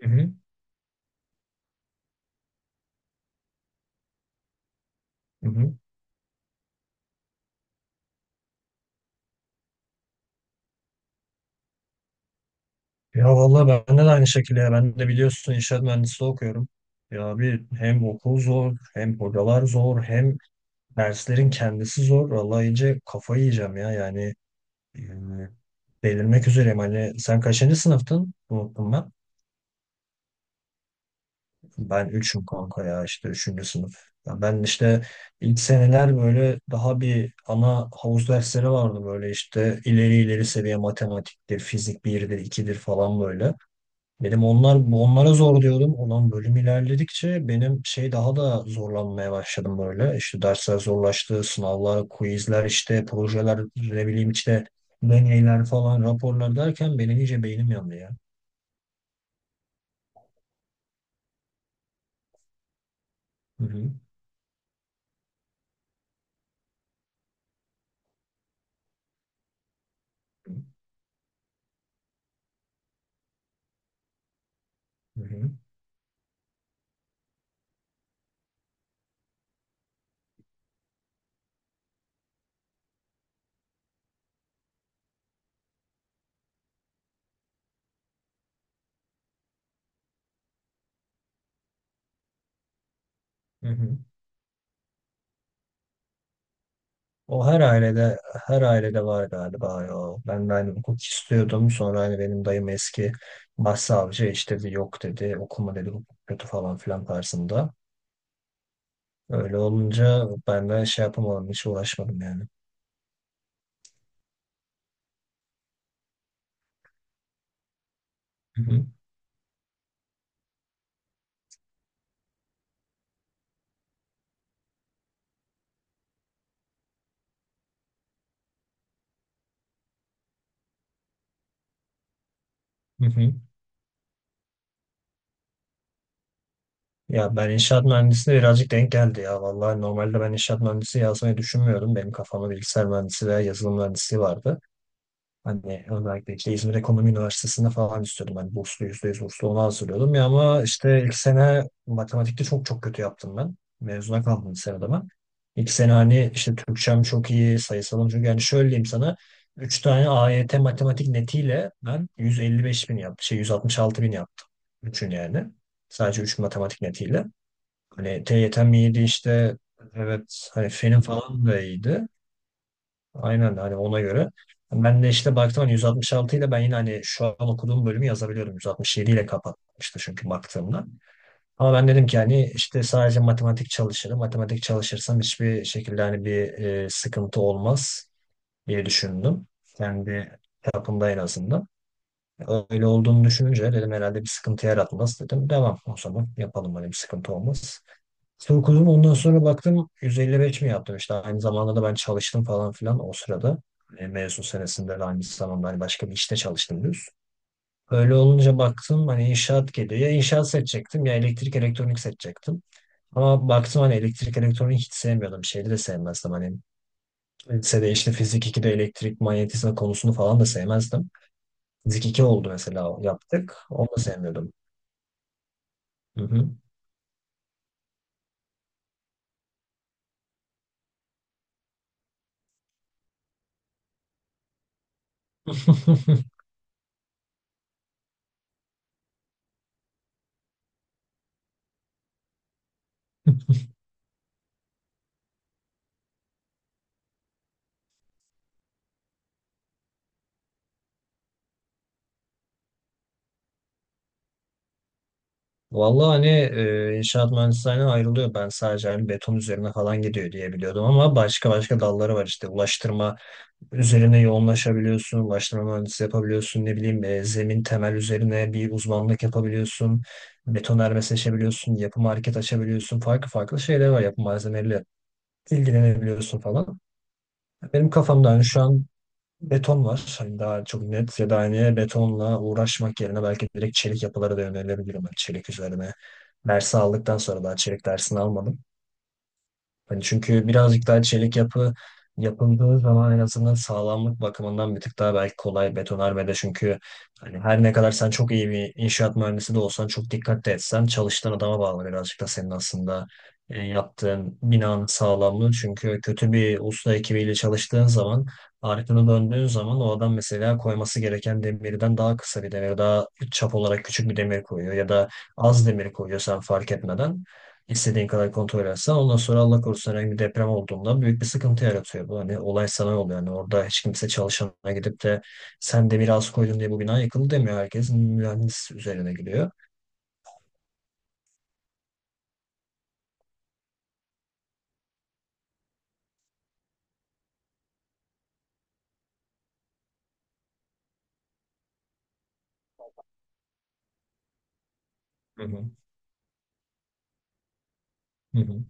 Hı hı, hı hı. Ya vallahi bende de aynı şekilde ya. Ben de biliyorsun inşaat mühendisliği okuyorum. Ya bir hem okul zor, hem hocalar zor, hem derslerin kendisi zor. Vallahi iyice kafayı yiyeceğim ya. Yani e, delirmek üzereyim. Hani sen kaçıncı sınıftın? Unuttum ben. Ben üçüm kanka ya işte üçüncü sınıf. Ya ben işte ilk seneler böyle daha bir ana havuz dersleri vardı böyle işte ileri ileri seviye matematiktir, fizik birdir ikidir falan böyle. Benim onlar bu onlara zor diyordum. Olan bölüm ilerledikçe benim şey daha da zorlanmaya başladım böyle. İşte dersler zorlaştı, sınavlar, quizler işte, projeler, ne bileyim işte deneyler falan, raporlar derken benim iyice beynim yandı ya. Hı hı. Hı hı. Hı hı. O her ailede var galiba ya. Ben de hani hukuk istiyordum. Sonra hani benim dayım eski başsavcı işte bir yok dedi, okuma dedi hukuk kötü falan filan tarzında. Öyle olunca ben de şey yapamadım, hiç uğraşmadım yani. Hı hı. Hı hı. Ya ben inşaat mühendisliğine birazcık denk geldi ya. Vallahi normalde ben inşaat mühendisi yazmayı düşünmüyordum. Benim kafamda bilgisayar mühendisi veya yazılım mühendisliği vardı. Hani özellikle işte İzmir Ekonomi Üniversitesi'nde falan istiyordum. Hani burslu, yüzde yüz burslu ona hazırlıyordum. Ya ama işte ilk sene matematikte çok çok kötü yaptım ben. Mezuna kaldım lisede ben. İlk sene hani işte Türkçem çok iyi, sayısalım çünkü yani şöyle diyeyim sana. Üç tane AYT matematik netiyle ben 155 bin yaptım. Şey 166 bin yaptım. Üçün yani. Sadece 3 matematik netiyle. Hani TYT'm iyiydi işte. Evet hani fenim falan da iyiydi. Aynen hani ona göre. Ben de işte baktım hani 166 ile ben yine hani şu an okuduğum bölümü yazabiliyorum. 167 ile kapatmıştı çünkü baktığımda. Ama ben dedim ki hani işte sadece matematik çalışırım. Matematik çalışırsam hiçbir şekilde hani bir sıkıntı olmaz diye düşündüm. Kendi çapımda en azından. Öyle olduğunu düşününce dedim herhalde bir sıkıntı yaratmaz dedim. Devam o zaman yapalım hani bir sıkıntı olmaz. İşte okudum ondan sonra baktım 155 mi yaptım işte aynı zamanda da ben çalıştım falan filan o sırada. Mezun senesinde de aynı zamanda hani başka bir işte çalıştım düz. Öyle olunca baktım hani inşaat geliyor. Ya inşaat seçecektim ya elektrik elektronik seçecektim. Ama baktım hani elektrik elektronik hiç sevmiyordum. Şeyi de sevmezdim hani. Lisede işte fizik 2'de elektrik manyetizma konusunu falan da sevmezdim. Fizik 2 oldu mesela yaptık. Onu da sevmiyordum. Hı hı. Vallahi hani inşaat mühendisliğinden ayrılıyor. Ben sadece hani beton üzerine falan gidiyor diye biliyordum ama başka başka dalları var işte. Ulaştırma üzerine yoğunlaşabiliyorsun, ulaştırma mühendisi yapabiliyorsun, ne bileyim zemin temel üzerine bir uzmanlık yapabiliyorsun, betonarme seçebiliyorsun, yapı market açabiliyorsun, farklı farklı şeyler var yapı malzemeleriyle ilgilenebiliyorsun falan. Benim kafamda hani şu an beton var. Hani daha çok net ya da hani betonla uğraşmak yerine belki direkt çelik yapılara da yönelebilirim. Hani çelik üzerine. Dersi aldıktan sonra daha çelik dersini almadım. Hani çünkü birazcık daha çelik yapı yapıldığı zaman en azından sağlamlık bakımından bir tık daha belki kolay, betonarmede çünkü hani her ne kadar sen çok iyi bir inşaat mühendisi de olsan çok dikkatli etsen çalıştığın adama bağlı birazcık da senin aslında yaptığın binanın sağlamlığı. Çünkü kötü bir usta ekibiyle çalıştığın zaman arkanı döndüğün zaman o adam mesela koyması gereken demirden daha kısa bir demir, daha çap olarak küçük bir demir koyuyor ya da az demir koyuyor sen fark etmeden. İstediğin kadar kontrol etsen ondan sonra Allah korusun herhangi bir deprem olduğunda büyük bir sıkıntı yaratıyor. Bu hani olay sana oluyor. Yani orada hiç kimse çalışana gidip de sen de biraz koydun diye bu bina yıkıldı demiyor. Herkes mühendis üzerine gidiyor. Hı hı. Hı hı.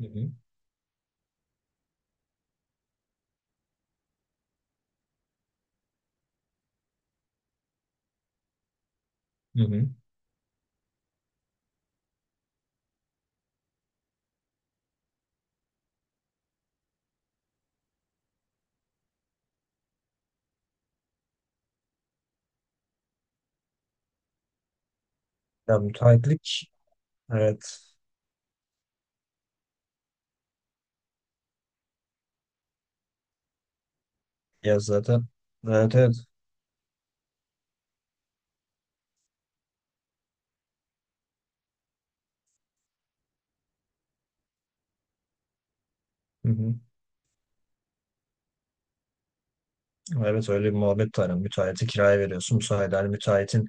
Hı hı. Hı hı. Ya müteahhitlik, evet. Ya zaten, evet, evet. Hı hı. Evet, öyle bir muhabbet var. Yani müteahhiti kiraya veriyorsun. Bu sayede hani müteahhitin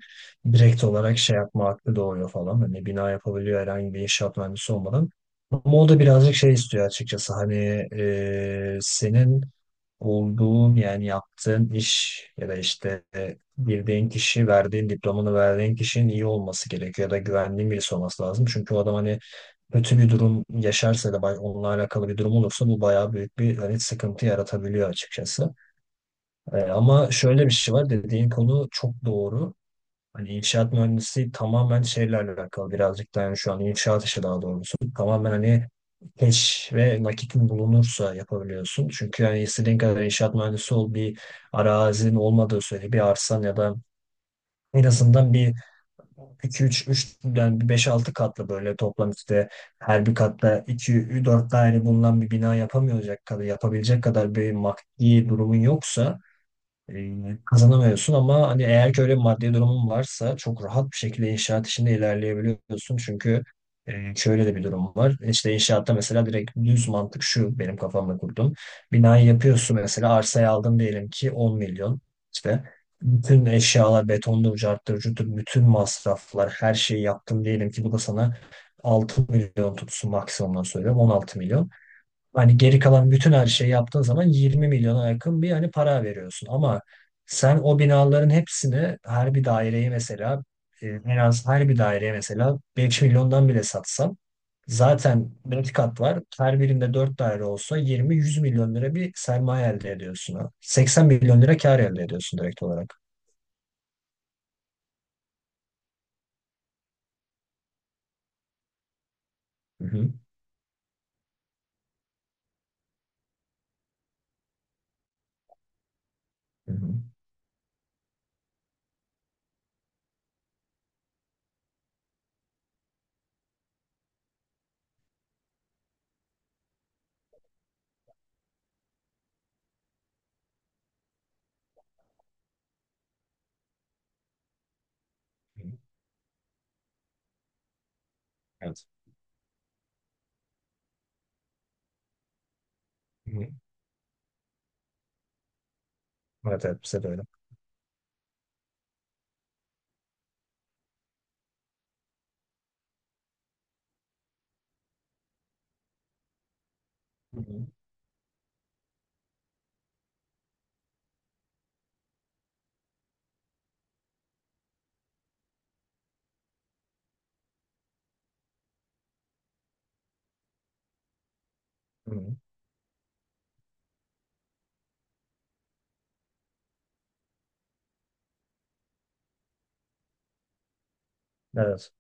direkt olarak şey yapma hakkı doğuyor falan. Hani bina yapabiliyor herhangi bir inşaat mühendisi olmadan. Ama o da birazcık şey istiyor açıkçası. Hani senin olduğun yani yaptığın iş ya da işte girdiğin kişi, verdiğin diplomanı verdiğin kişinin iyi olması gerekiyor ya da güvendiğin birisi olması lazım. Çünkü o adam hani kötü bir durum yaşarsa da onunla alakalı bir durum olursa bu bayağı büyük bir hani sıkıntı yaratabiliyor açıkçası. Ama şöyle bir şey var, dediğin konu çok doğru. Hani inşaat mühendisliği tamamen şeyle alakalı birazcık da, yani şu an inşaat işi daha doğrusu tamamen hani keş ve nakitin bulunursa yapabiliyorsun. Çünkü yani istediğin kadar inşaat mühendisi ol, bir arazinin olmadığı sürece, bir arsan ya da en azından bir 2 3 3 yani 5-6 katlı böyle toplam işte her bir katta 2 4 daire bulunan bir bina yapamayacak kadar yapabilecek kadar bir maddi durumun yoksa e, kazanamıyorsun. Ama hani eğer ki öyle bir maddi durumun varsa çok rahat bir şekilde inşaat işinde ilerleyebiliyorsun. Çünkü şöyle de bir durum var. İşte inşaatta mesela direkt düz mantık şu benim kafamda kurdum. Binayı yapıyorsun, mesela arsayı aldın diyelim ki 10 milyon. İşte bütün eşyalar betondur, carttır, cuttur, bütün masraflar, her şeyi yaptın diyelim ki bu da sana 6 milyon tutsun, maksimumdan söylüyorum 16 milyon. Hani geri kalan bütün her şeyi yaptığın zaman 20 milyona yakın bir hani para veriyorsun. Ama sen o binaların hepsini her bir daireye mesela en az her bir daireye mesela 5 milyondan bile satsan, zaten 5 kat var. Her birinde 4 daire olsa 20-100 milyon lira bir sermaye elde ediyorsun. Ha. 80 milyon lira kar elde ediyorsun direkt olarak. Hı hı. Hı hı. Evet. Hı hı. Evet, evet, bize de öyle. Hı hı. Hı hı. Evet.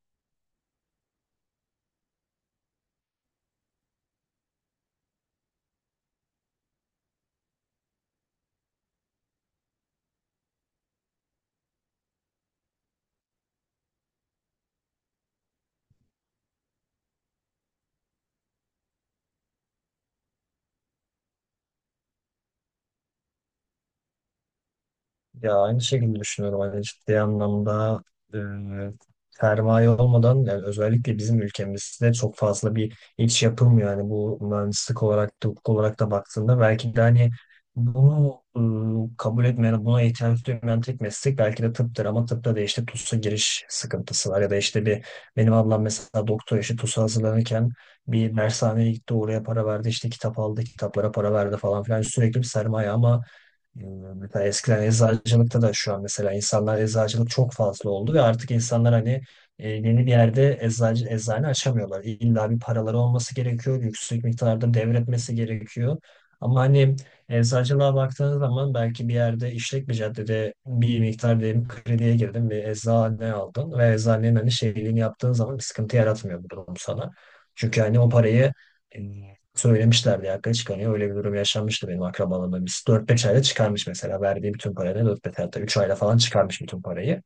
Ya aynı şekilde düşünüyorum. Hani ciddi anlamda e, sermaye olmadan yani özellikle bizim ülkemizde çok fazla bir iş yapılmıyor. Yani bu mühendislik olarak da hukuk olarak da baktığında belki de hani bunu kabul etmeyen, buna ihtiyaç duymayan tek meslek belki de tıptır. Ama tıpta da işte TUS'a giriş sıkıntısı var. Ya da işte bir benim ablam mesela doktor, işi TUS'a hazırlanırken bir dershaneye gitti, oraya para verdi işte, kitap aldı, kitaplara para verdi falan filan, sürekli bir sermaye. Ama bilmiyorum. Mesela eskiden eczacılıkta da, şu an mesela insanlar eczacılık çok fazla oldu ve artık insanlar hani yeni bir yerde eczacı, eczane açamıyorlar. İlla bir paraları olması gerekiyor. Yüksek miktarda devretmesi gerekiyor. Ama hani eczacılığa baktığınız zaman belki bir yerde işlek bir caddede bir miktar diyelim krediye girdin ve eczane aldın ve eczanenin hani şeyliğini yaptığın zaman bir sıkıntı yaratmıyor bu durum sana. Çünkü hani o parayı e, söylemişlerdi ya hakikaten çıkamıyor. Öyle bir durum yaşanmıştı benim akrabalarımda. Biz 4-5 ayda çıkarmış mesela. Verdiği bütün parayı 4-5 ayda, 3 ayda falan çıkarmış bütün parayı.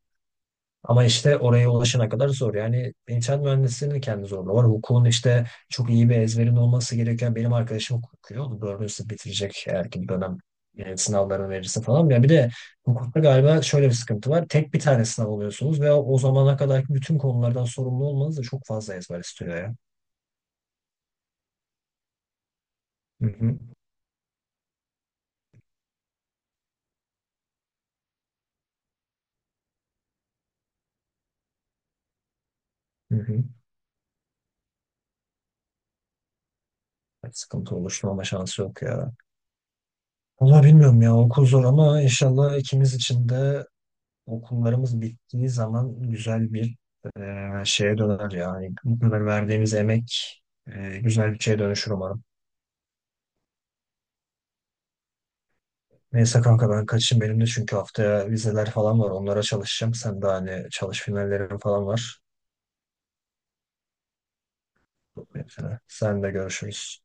Ama işte oraya ulaşana kadar zor. Yani inşaat mühendisliğinin kendi zorluğu var. Hukukun işte çok iyi bir ezberin olması gereken, benim arkadaşım hukuk okuyor. Dördüncü sınıf bitirecek eğer ki bir dönem sınavlarını verirse falan. Ya bir de hukukta galiba şöyle bir sıkıntı var. Tek bir tane sınav oluyorsunuz ve o zamana kadarki bütün konulardan sorumlu olmanız da çok fazla ezber istiyor ya. Hı hı. Hı hı. Sıkıntı oluşturmama şansı yok ya. Valla bilmiyorum ya, okul zor ama inşallah ikimiz için de okullarımız bittiği zaman güzel bir şeye döner ya. Yani. Bu kadar verdiğimiz emek güzel bir şeye dönüşür umarım. Neyse kanka ben kaçayım, benim de çünkü haftaya vizeler falan var, onlara çalışacağım. Sen de hani çalış, finallerin falan var. Sen de görüşürüz.